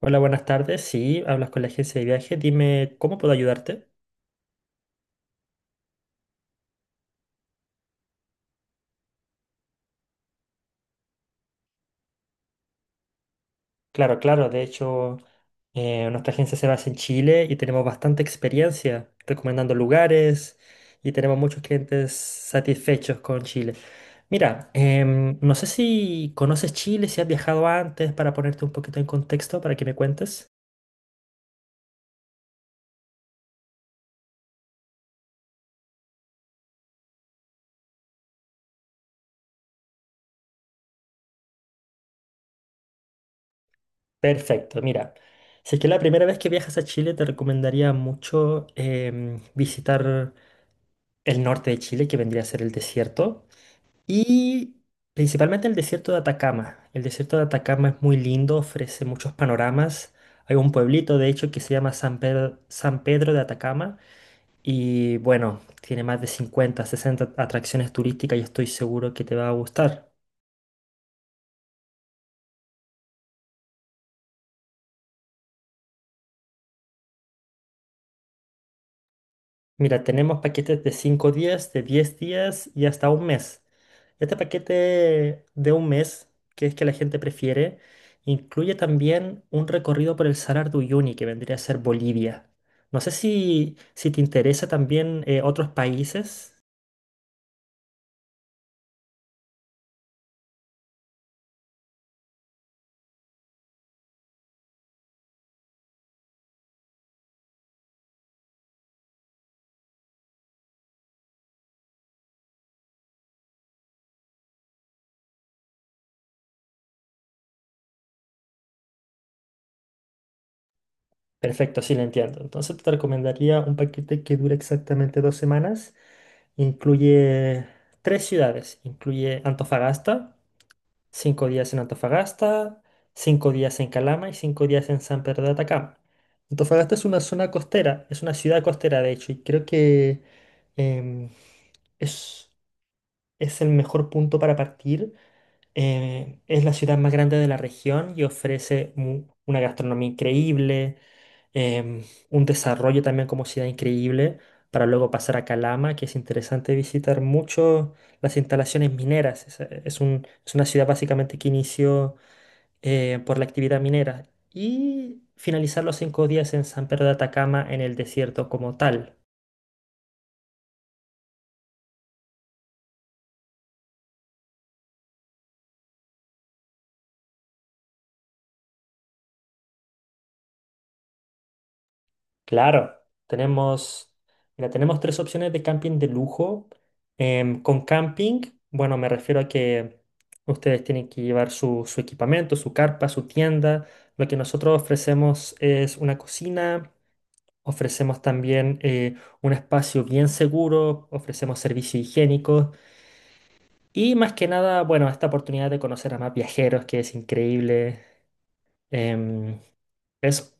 Hola, buenas tardes. Sí, hablas con la agencia de viaje. Dime, ¿cómo puedo ayudarte? Claro, claro. De hecho, nuestra agencia se basa en Chile y tenemos bastante experiencia recomendando lugares y tenemos muchos clientes satisfechos con Chile. Mira, no sé si conoces Chile, si has viajado antes, para ponerte un poquito en contexto, para que me cuentes. Perfecto, mira. Si es que es la primera vez que viajas a Chile, te recomendaría mucho visitar el norte de Chile, que vendría a ser el desierto. Y principalmente el desierto de Atacama. El desierto de Atacama es muy lindo, ofrece muchos panoramas. Hay un pueblito, de hecho, que se llama San Pedro, San Pedro de Atacama. Y bueno, tiene más de 50 60 atracciones turísticas y estoy seguro que te va a gustar. Mira, tenemos paquetes de 5 días, de 10 días y hasta un mes. Este paquete de un mes, que es que la gente prefiere, incluye también un recorrido por el Salar de Uyuni, que vendría a ser Bolivia. No sé si te interesa también otros países. Perfecto, sí, lo entiendo. Entonces te recomendaría un paquete que dura exactamente 2 semanas. Incluye tres ciudades. Incluye Antofagasta. 5 días en Antofagasta, 5 días en Calama y 5 días en San Pedro de Atacama. Antofagasta es una zona costera, es una ciudad costera de hecho, y creo que em, es es el mejor punto para partir. Es la ciudad más grande de la región y ofrece una gastronomía increíble, em, un desarrollo también como ciudad increíble, para luego pasar a Calama, que es interesante visitar mucho las instalaciones mineras. Es una ciudad básicamente que inició por la actividad minera y finalizar los 5 días en San Pedro de Atacama en el desierto como tal. Claro, tenemos, mira, tenemos tres opciones de camping de lujo. Con camping, bueno, me refiero a que ustedes tienen que llevar su equipamiento, su carpa, su tienda. Lo que nosotros ofrecemos es una cocina, ofrecemos también un espacio bien seguro, ofrecemos servicios higiénicos y más que nada, bueno, esta oportunidad de conocer a más viajeros, que es increíble. Em, eso.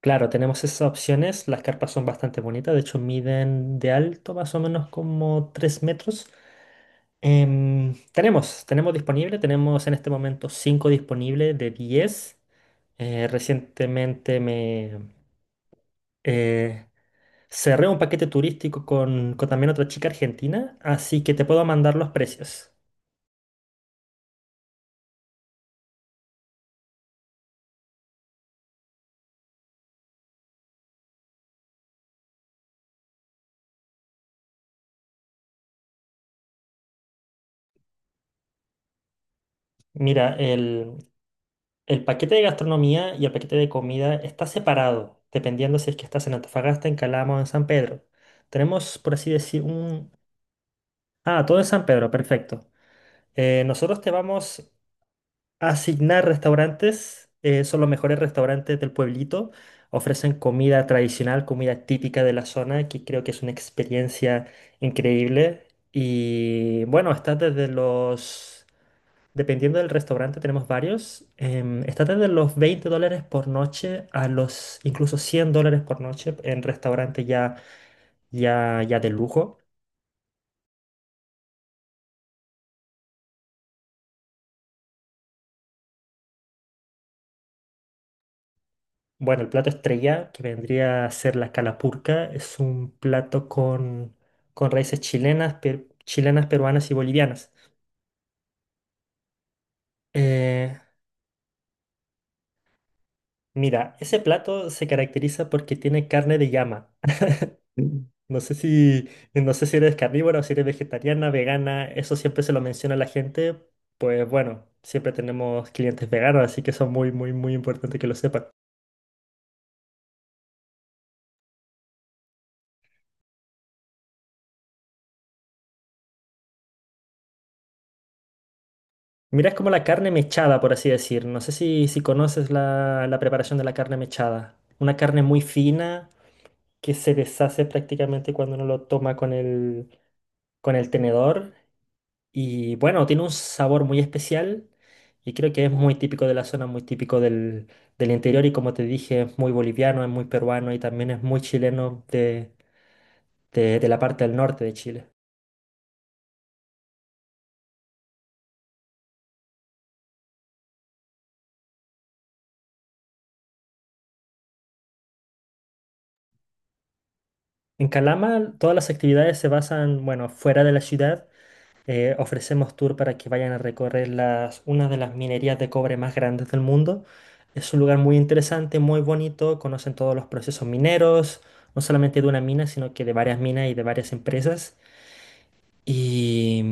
Claro, tenemos esas opciones. Las carpas son bastante bonitas. De hecho, miden de alto más o menos como 3 metros. Tenemos disponible. Tenemos en este momento 5 disponibles de 10. Recientemente me eh, cerré un paquete turístico con también otra chica argentina, así que te puedo mandar los precios. Mira, el paquete de gastronomía y el paquete de comida está separado, dependiendo si es que estás en Antofagasta, en Calama o en San Pedro. Tenemos, por así decir, un. Ah, todo en San Pedro, perfecto. Nosotros te vamos a asignar restaurantes, son los mejores restaurantes del pueblito. Ofrecen comida tradicional, comida típica de la zona, que creo que es una experiencia increíble. Y bueno, está desde los. Dependiendo del restaurante, tenemos varios. Está desde los $20 por noche a los incluso $100 por noche en restaurante ya de lujo. Bueno, el plato estrella, que vendría a ser la calapurca, es un plato con raíces chilenas, chilenas, peruanas y bolivianas. Eh, mira, ese plato se caracteriza porque tiene carne de llama. Mm. No sé si, no sé si eres carnívora o si eres vegetariana, vegana, eso siempre se lo menciona a la gente. Pues bueno, siempre tenemos clientes veganos, así que eso es muy, muy, muy importante que lo sepan. Mira, es como la carne mechada, por así decir. No sé si conoces la preparación de la carne mechada. Una carne muy fina que se deshace prácticamente cuando uno lo toma con el tenedor. Y bueno, tiene un sabor muy especial y creo que es muy típico de la zona, muy típico del interior y como te dije, es muy boliviano, es muy peruano y también es muy chileno de la parte del norte de Chile. En Calama todas las actividades se basan, bueno, fuera de la ciudad. Ofrecemos tour para que vayan a recorrer una de las minerías de cobre más grandes del mundo. Es un lugar muy interesante, muy bonito, conocen todos los procesos mineros, no solamente de una mina, sino que de varias minas y de varias empresas. Y,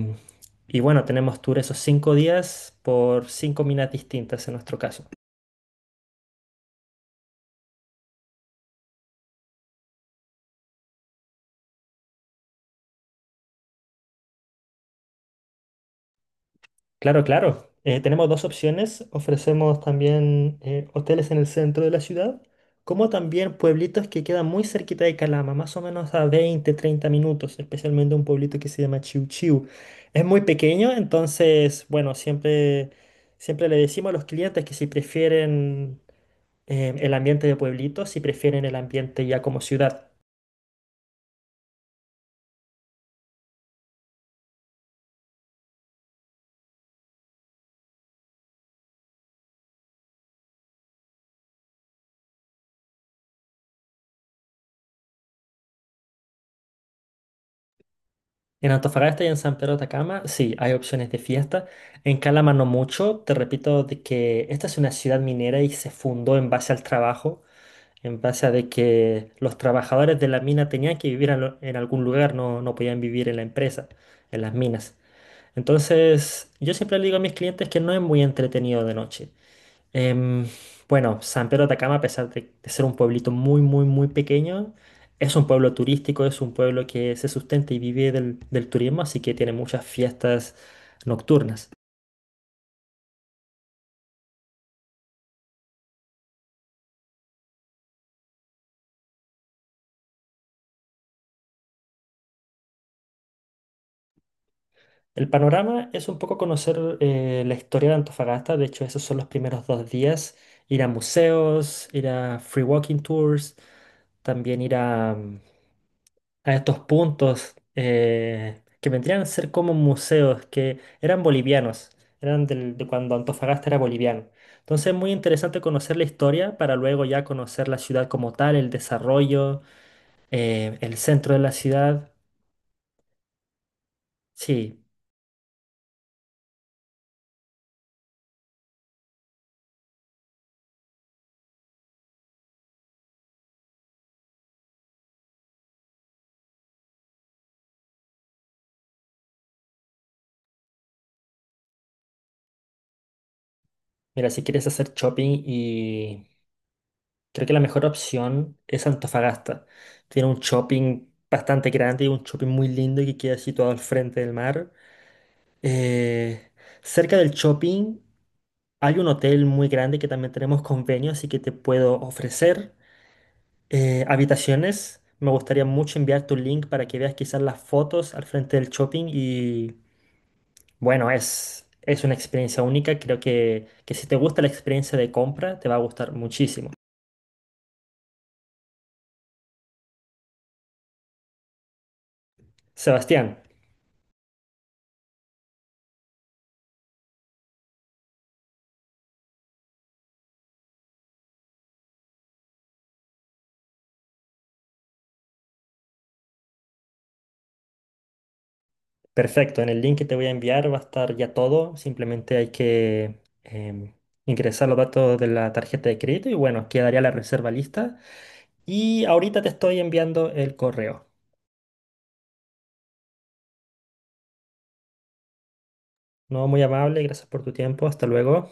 y bueno, tenemos tour esos 5 días por cinco minas distintas en nuestro caso. Claro, claro. Tenemos dos opciones. Ofrecemos también hoteles en el centro de la ciudad, como también pueblitos que quedan muy cerquita de Calama, más o menos a 20 30 minutos, especialmente un pueblito que se llama Chiu Chiu. Es muy pequeño, entonces, bueno, siempre le decimos a los clientes que si prefieren el ambiente de pueblitos si prefieren el ambiente ya como ciudad. En Antofagasta y en San Pedro de Atacama, sí, hay opciones de fiesta. En Calama no mucho. Te repito de que esta es una ciudad minera y se fundó en base al trabajo, en base a de que los trabajadores de la mina tenían que vivir en algún lugar, no podían vivir en la empresa, en las minas. Entonces, yo siempre le digo a mis clientes que no es muy entretenido de noche. Em, bueno, San Pedro de Atacama, a pesar de ser un pueblito muy, muy, muy pequeño, es un pueblo turístico, es un pueblo que se sustenta y vive del turismo, así que tiene muchas fiestas nocturnas. El panorama es un poco conocer la historia de Antofagasta, de hecho esos son los primeros 2 días, ir a museos, ir a free walking tours, también ir a estos puntos que vendrían a ser como museos, que eran bolivianos, eran de cuando Antofagasta era boliviano. Entonces es muy interesante conocer la historia para luego ya conocer la ciudad como tal, el desarrollo, el centro de la ciudad. Sí, mira, si quieres hacer shopping y creo que la mejor opción es Antofagasta. Tiene un shopping bastante grande y un shopping muy lindo que queda situado al frente del mar. Eh, cerca del shopping. Hay un hotel muy grande que también tenemos convenio, así que te puedo ofrecer habitaciones. Me gustaría mucho enviarte un link para que veas quizás las fotos al frente del shopping y bueno, es una experiencia única. Creo que si te gusta la experiencia de compra, te va a gustar muchísimo. Sebastián, perfecto. En el link que te voy a enviar va a estar ya todo. Simplemente hay que ingresar los datos de la tarjeta de crédito y bueno, quedaría la reserva lista. Y ahorita te estoy enviando el correo. No, muy amable, gracias por tu tiempo. Hasta luego.